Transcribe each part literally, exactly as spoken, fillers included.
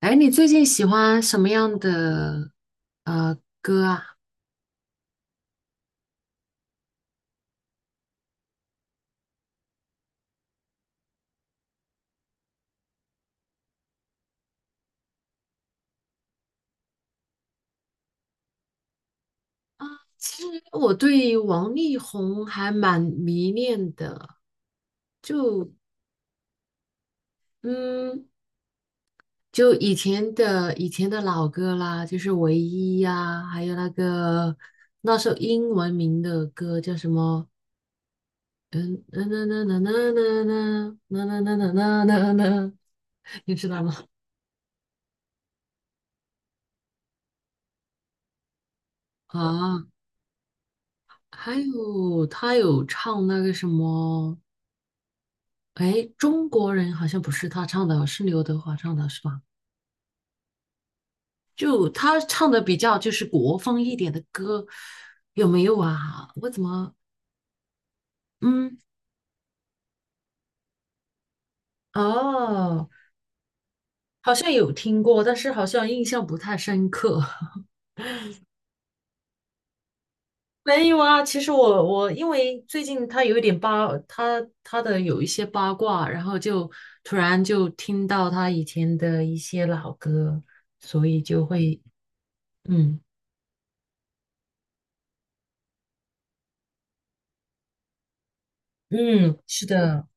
哎，你最近喜欢什么样的呃歌啊？啊，其实我对王力宏还蛮迷恋的，就嗯，就以前的以前的老歌啦，就是《唯一》呀，还有那个那首英文名的歌叫什么？嗯，嗯嗯嗯嗯嗯嗯嗯嗯嗯嗯嗯，那那，你知道吗？啊，还有他有唱那个什么。哎，中国人好像不是他唱的，是刘德华唱的，是吧？就他唱的比较就是国风一点的歌，有没有啊？我怎么，嗯，哦，好像有听过，但是好像印象不太深刻。没有啊，其实我我因为最近他有一点八，他他的有一些八卦，然后就突然就听到他以前的一些老歌，所以就会，嗯嗯，是的。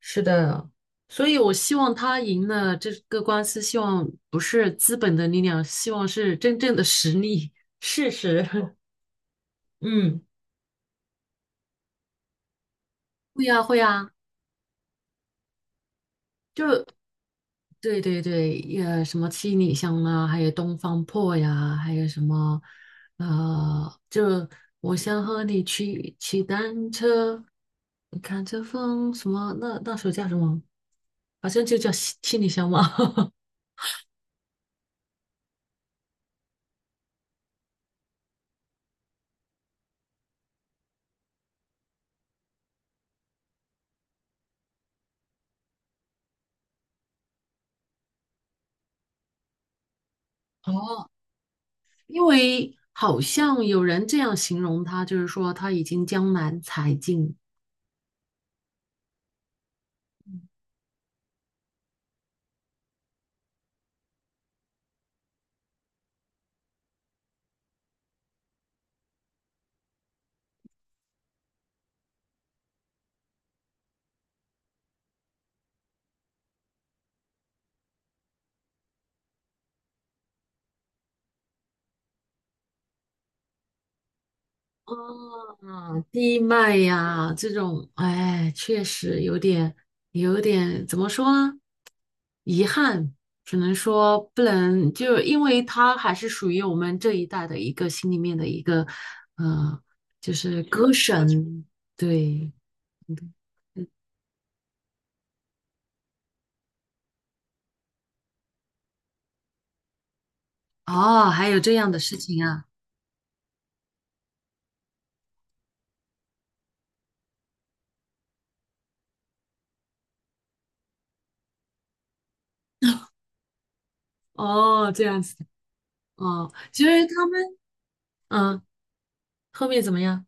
是的，所以我希望他赢了这个官司，希望不是资本的力量，希望是真正的实力、事实。嗯，会呀，会呀，就对对对，也什么七里香啊，还有东方破呀，还有什么，呃，就我想和你去骑单车，你看这风什么，那那候叫什么？好像就叫七七里香嘛。哦，因为好像有人这样形容他，就是说他已经江南才尽啊，低脉呀这种，哎，确实有点，有点怎么说呢？遗憾，只能说不能，就因为他还是属于我们这一代的一个心里面的一个，呃，就是歌神，对，嗯哦，还有这样的事情啊，哦，这样子的，哦，其实他们。嗯。后面怎么样？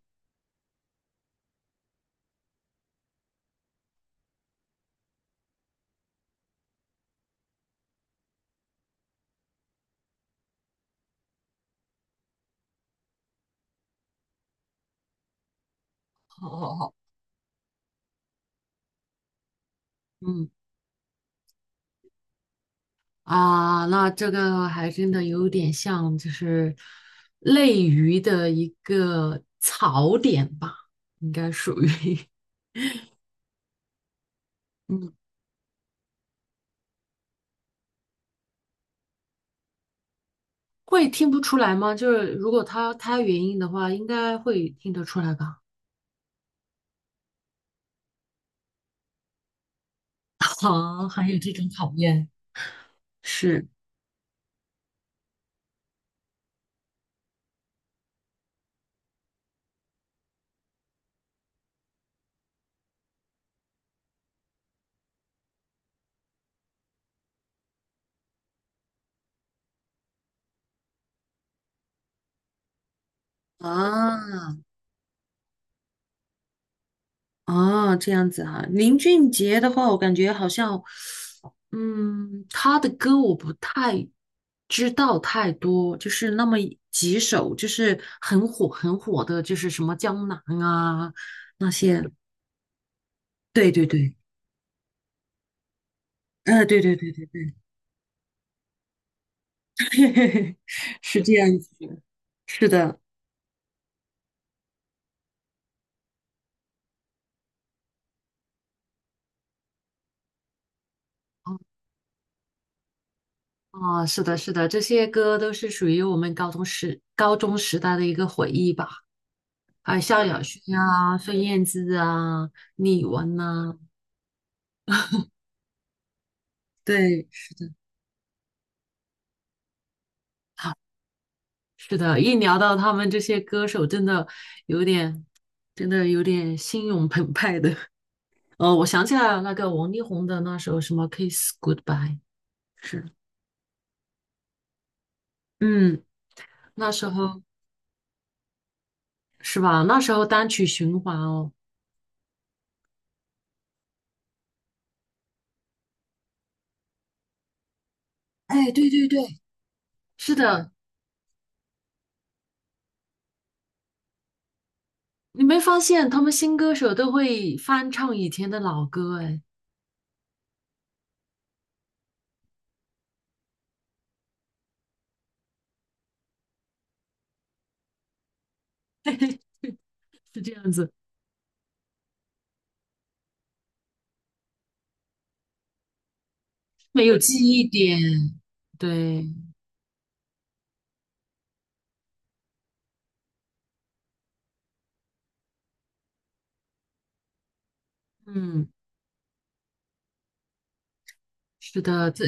好好好，嗯啊，那这个还真的有点像，就是类鱼的一个槽点吧，应该属于 嗯，会听不出来吗？就是如果他他原因的话，应该会听得出来吧？啊，还有这种考验，是啊啊，这样子啊，林俊杰的话，我感觉好像。嗯，他的歌我不太知道太多，就是那么几首，就是很火很火的，就是什么江南啊那些。对对对，嗯，对对对对，是这样子的，是的。啊，是的，是的，这些歌都是属于我们高中时高中时代的一个回忆吧。还有萧亚轩啊、孙燕姿啊、李玟呐、对，是的。是的，一聊到他们这些歌手，真的有点，真的有点心涌澎湃的。哦，我想起来了，那个王力宏的那首什么《Kiss Goodbye》，是，嗯，那时候是吧？那时候单曲循环哦。哎，对对对，是的，你没发现他们新歌手都会翻唱以前的老歌？哎，是这样子，没有记忆点。对，嗯，是的，这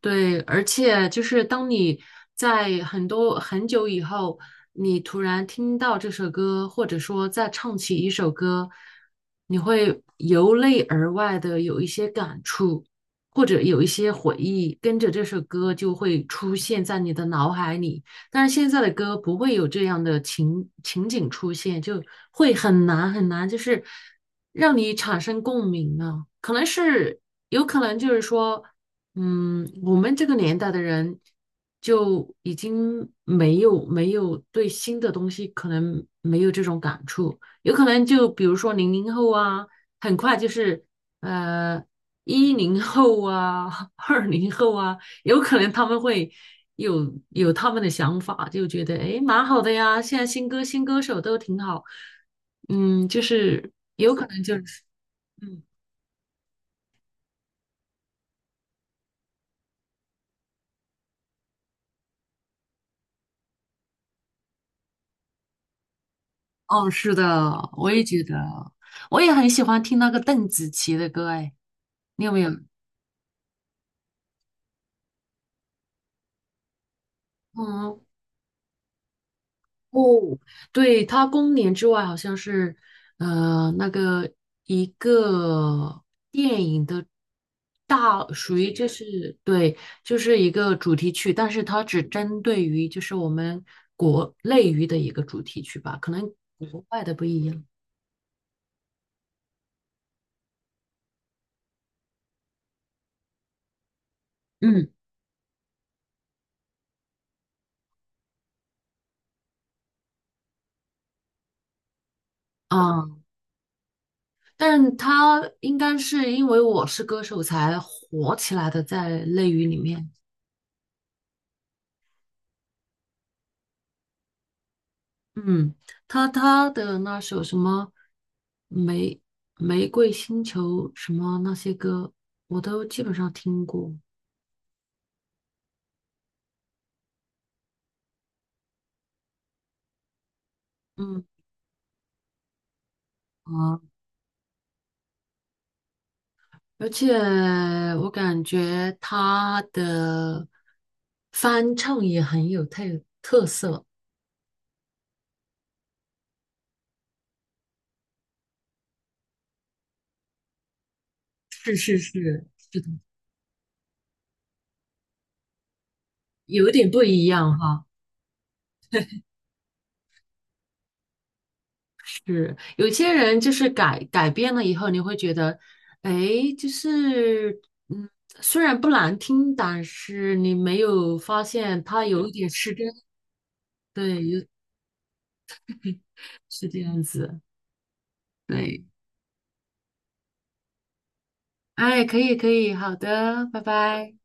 对，而且就是当你在很多很久以后，你突然听到这首歌，或者说再唱起一首歌，你会由内而外的有一些感触，或者有一些回忆，跟着这首歌就会出现在你的脑海里。但是现在的歌不会有这样的情情景出现，就会很难很难，就是让你产生共鸣啊。可能是有可能就是说。嗯，我们这个年代的人就已经没有没有对新的东西可能没有这种感触，有可能就比如说零零后啊，很快就是呃一零后啊、二零后啊，有可能他们会有有他们的想法，就觉得诶蛮好的呀，现在新歌新歌手都挺好，嗯，就是有可能就是。嗯。哦，是的，我也觉得，我也很喜欢听那个邓紫棋的歌，哎，你有没有？嗯，哦，对，她《公年之外》好像是，呃，那个一个电影的大，属于就是对，就是一个主题曲，但是它只针对于就是我们国内娱的一个主题曲吧，可能国外的不一样。嗯，啊。但是他应该是因为我是歌手才火起来的，在内娱里面，嗯，他他的那首什么玫玫瑰星球什么那些歌，我都基本上听过，嗯啊，而且我感觉他的翻唱也很有特，是是是是的，有点不一样哈。是，有些人就是改改变了以后，你会觉得，哎，就是嗯，虽然不难听，但是你没有发现他有一点失真，对，有是这样子，对，哎，可以可以，好的，拜拜。